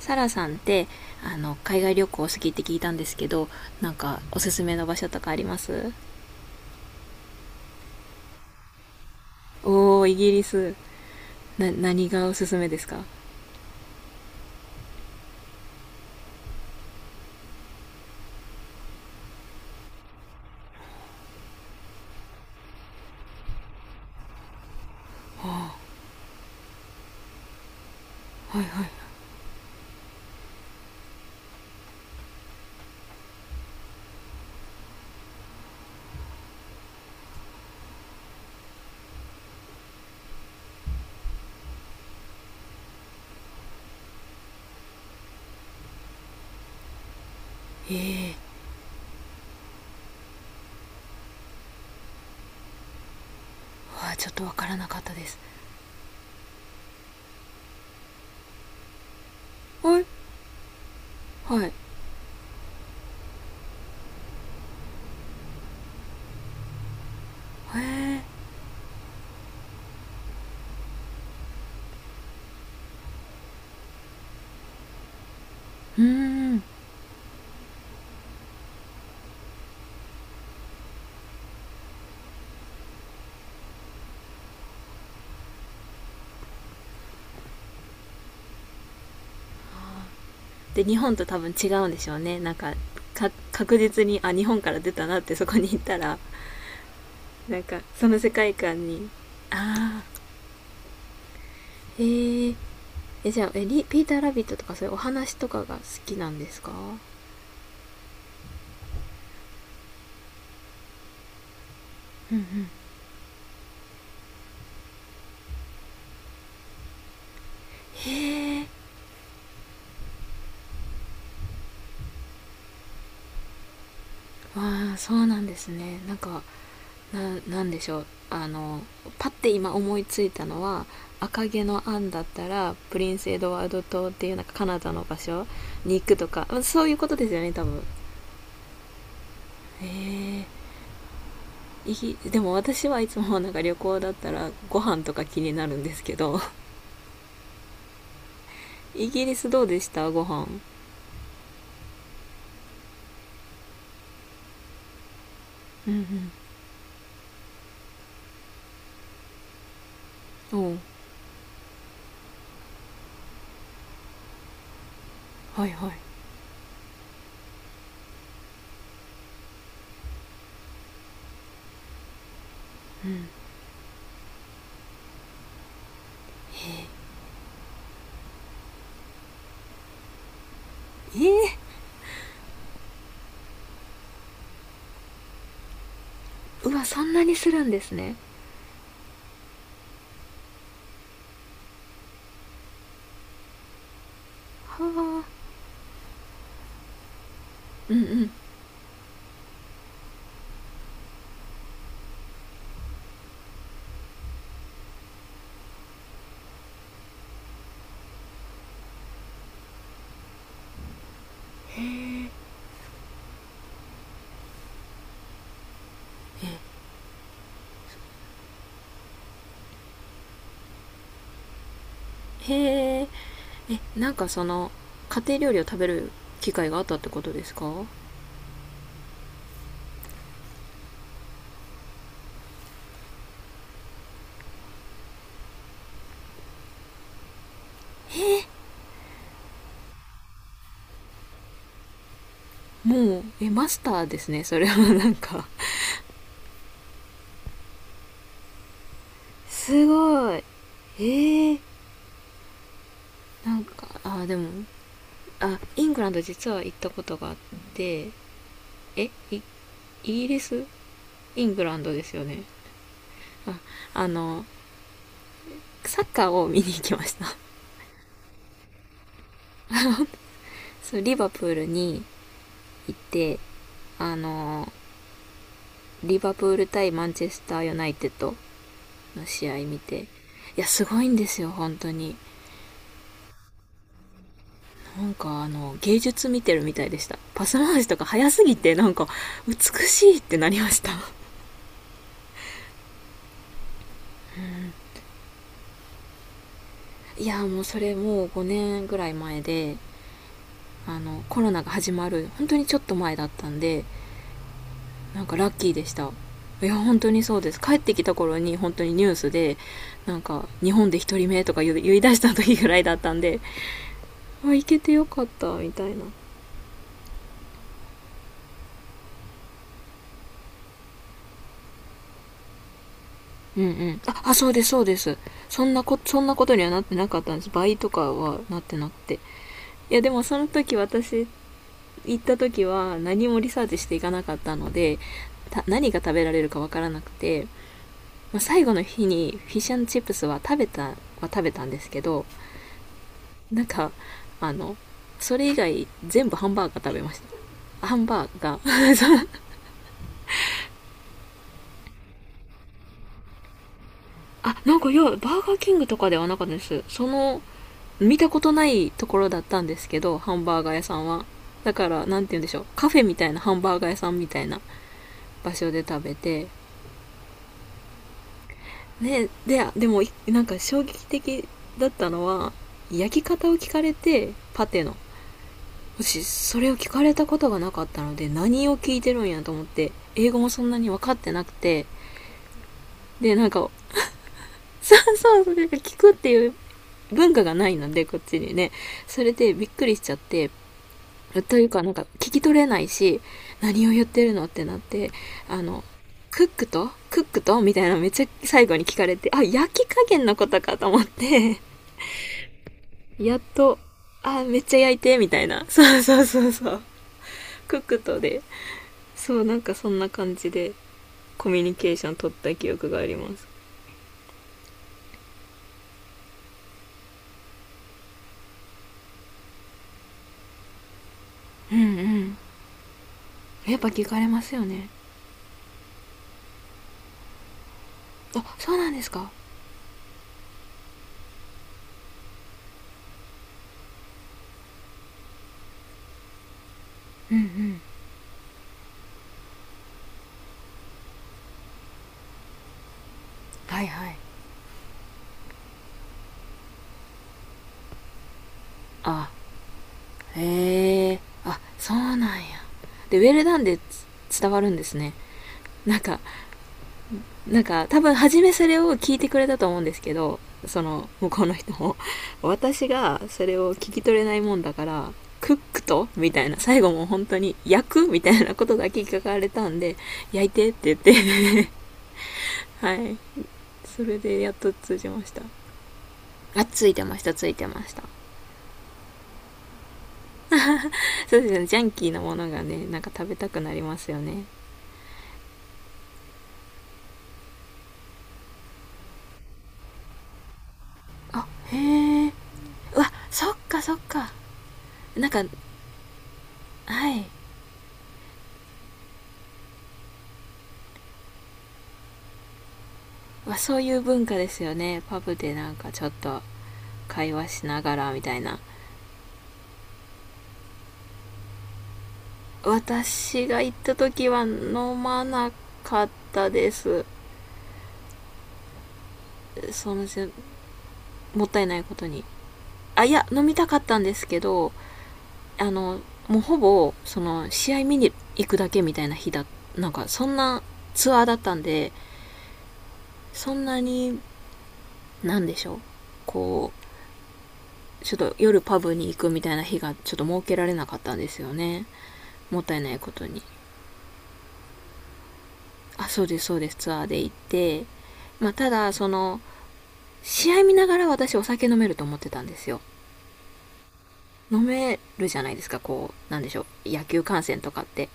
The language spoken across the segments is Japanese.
サラさんって海外旅行好きって聞いたんですけど、なんかおすすめの場所とかあります？おー、イギリス。何がおすすめですか？ええー。うわ、ちょっとわからなかったです。はいはい。へえ。うーん。で、日本と多分違うんでしょうね、なんか。確実に、日本から出たなって、そこに行ったら。なんかその世界観に。ああ。へえ。じゃあ、リピーター・ラビットとかそういうお話とかが好きなんですか？うんうん。へえ。ああ、そうなんですね。なんか、なんでしょう、パッて今思いついたのは、赤毛のアンだったらプリンス・エドワード島っていう、なんかカナダの場所に行くとか、そういうことですよね、多分。へえ。でも、私はいつも、なんか旅行だったらご飯とか気になるんですけど。 イギリスどうでした、ご飯？うんうん。おう。はいはい。うん。ええ。うわ、そんなにするんですね。はあ。うんうん。へえ。えへえ、なんか、その、家庭料理を食べる機会があったってことですか？えーもう、マスターですね、それは、なんか。すごい。ええ。なんか、でも、イングランド実は行ったことがあって、え、イギリス。イングランドですよね。あ、あの、サッカーを見に行きました。そう、リバプールに行って、あの、リバプール対マンチェスターユナイテッドの試合見て、いや、すごいんですよ本当に。なんか芸術見てるみたいでした。パス回しとか早すぎて、なんか美しいってなりました。いや、もう、それもう5年ぐらい前で、コロナが始まる本当にちょっと前だったんで。なんかラッキーでした。いや本当にそうです。帰ってきた頃に本当にニュースで、なんか日本で一人目とか言い出した時ぐらいだったんで。行けてよかったみたいな。うんうん。あ、そうです、そうです。そんなことにはなってなかったんです。倍とかはなってなくて。いや、でもその時私行った時は何もリサーチしていかなかったので、何が食べられるかわからなくて、まあ、最後の日にフィッシュチップスは食べたんですけど、なんか、あの、それ以外全部ハンバーガー食べました。ハンバーガー。なんか、いや、バーガーキングとかではなかったです。その、見たことないところだったんですけど、ハンバーガー屋さんは。だから、なんて言うんでしょう、カフェみたいなハンバーガー屋さんみたいな場所で食べて。ね、でも、なんか衝撃的だったのは、焼き方を聞かれて、パテの。私、それを聞かれたことがなかったので、何を聞いてるんやと思って、英語もそんなに分かってなくて、で、なんか、そうそう、それ聞くっていう文化がないので、こっちにね。それでびっくりしちゃって、というかなんか聞き取れないし、何を言ってるのってなって、あの、クックとクックとみたいなのめっちゃ最後に聞かれて、あ、焼き加減のことかと思って、やっと、あ、めっちゃ焼いて、みたいな。そうそうそうそう。クックとで。そう、なんかそんな感じでコミュニケーション取った記憶があります。うんうん。やっぱ聞かれますよね。あ、そうなんですか？うんうん。はいはい。あ、へえ。そうなんや。で、ウェルダンで伝わるんですね、なんかなんか多分初めそれを聞いてくれたと思うんですけど、その向こうの人も、私がそれを聞き取れないもんだから、クックとみたいな最後も本当に焼くみたいなことだけ聞かれたんで、焼いてって言って、 はい、それでやっと通じました。あ、ついてましたついてました。そうですね、ジャンキーなものがね、なんか食べたくなりますよね。あ、へえ。うわ、そっかそっか。なんか、はい。わ、そういう文化ですよね、パブでなんかちょっと会話しながらみたいな。私が行った時は飲まなかったです。そのじもったいないことに。いや飲みたかったんですけど、あのもうほぼその試合見に行くだけみたいな日だ、なんかそんなツアーだったんで、そんなに、なんでしょう、こちょっと夜パブに行くみたいな日がちょっと設けられなかったんですよね。もったいないことに。あ、そうです、そうです、ツアーで行って。まあ、ただ、その、試合見ながら私お酒飲めると思ってたんですよ。飲めるじゃないですか、こう、なんでしょう、野球観戦とかって。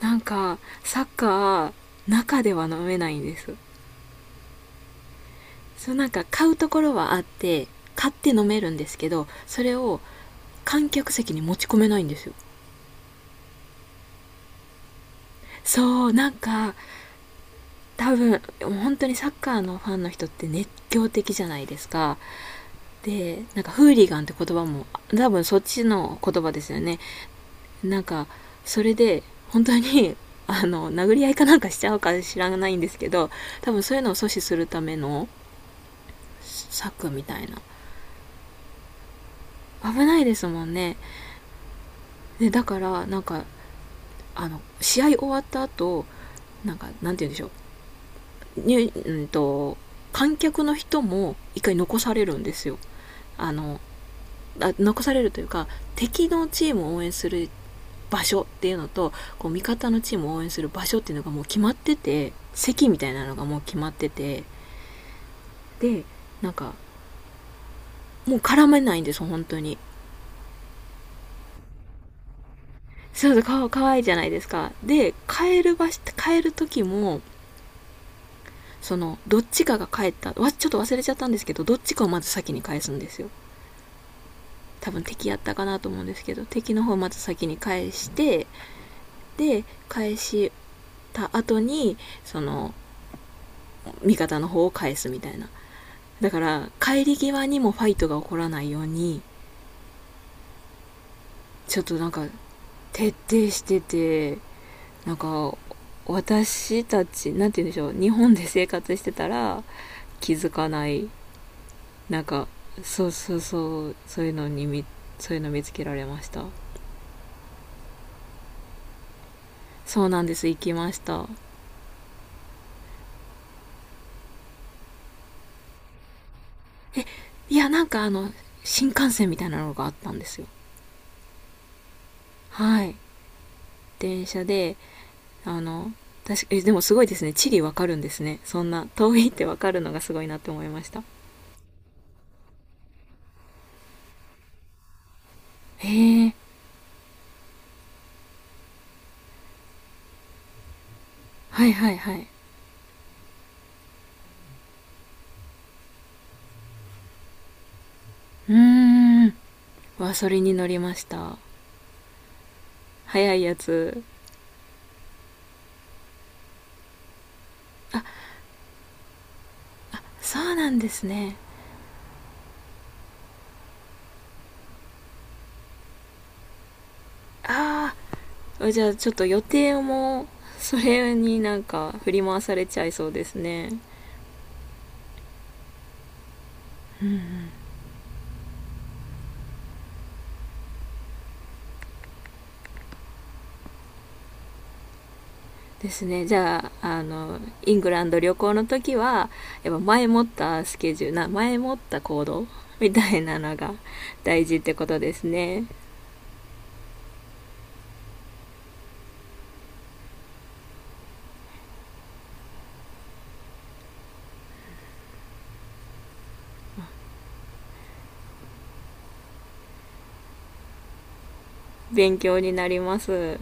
なんか、サッカー、中では飲めないんです。そう、なんか買うところはあって、買って飲めるんですけど、それを観客席に持ち込めないんですよ。そう、なんか、多分本当にサッカーのファンの人って熱狂的じゃないですか。で、なんかフーリガンって言葉も多分そっちの言葉ですよね。なんかそれで本当に、 殴り合いかなんかしちゃうか知らないんですけど、多分そういうのを阻止するための策みたいな。危ないですもんね。で、だから、なんか、試合終わった後、なんか、なんて言うんでしょ、うにうんと観客の人も一回残されるんですよ。あの残されるというか、敵のチームを応援する場所っていうのと、こう、味方のチームを応援する場所っていうのがもう決まってて、席みたいなのがもう決まってて、で、なんかもう絡めないんですよ本当に。そうそう、かわいいじゃないですか。で、帰る時も、そのどっちかが帰ったわ、ちょっと忘れちゃったんですけど、どっちかをまず先に返すんですよ。多分敵やったかなと思うんですけど、敵の方をまず先に返して、で、返した後に、その味方の方を返すみたいな。だから帰り際にもファイトが起こらないように、ちょっとなんか徹底してて、なんか私たち、なんて言うんでしょう、日本で生活してたら気づかない、なんかそうそうそう、そういうのにそういうの見つけられました。そうなんです、行きました。いや、なんか新幹線みたいなのがあったんですよ。はい、電車で、あの確か、でもすごいですね、地理わかるんですね、そんな遠いってわかるのがすごいなって思いました。へえ。はいはいはい。うーん。わ、それに乗りました。早いやつ。そうなんですね。ああ、じゃあちょっと予定もそれになんか振り回されちゃいそうですね。ですね。じゃあ、イングランド旅行の時は、やっぱ前もったスケジュールな前もった行動みたいなのが大事ってことですね。勉強になります。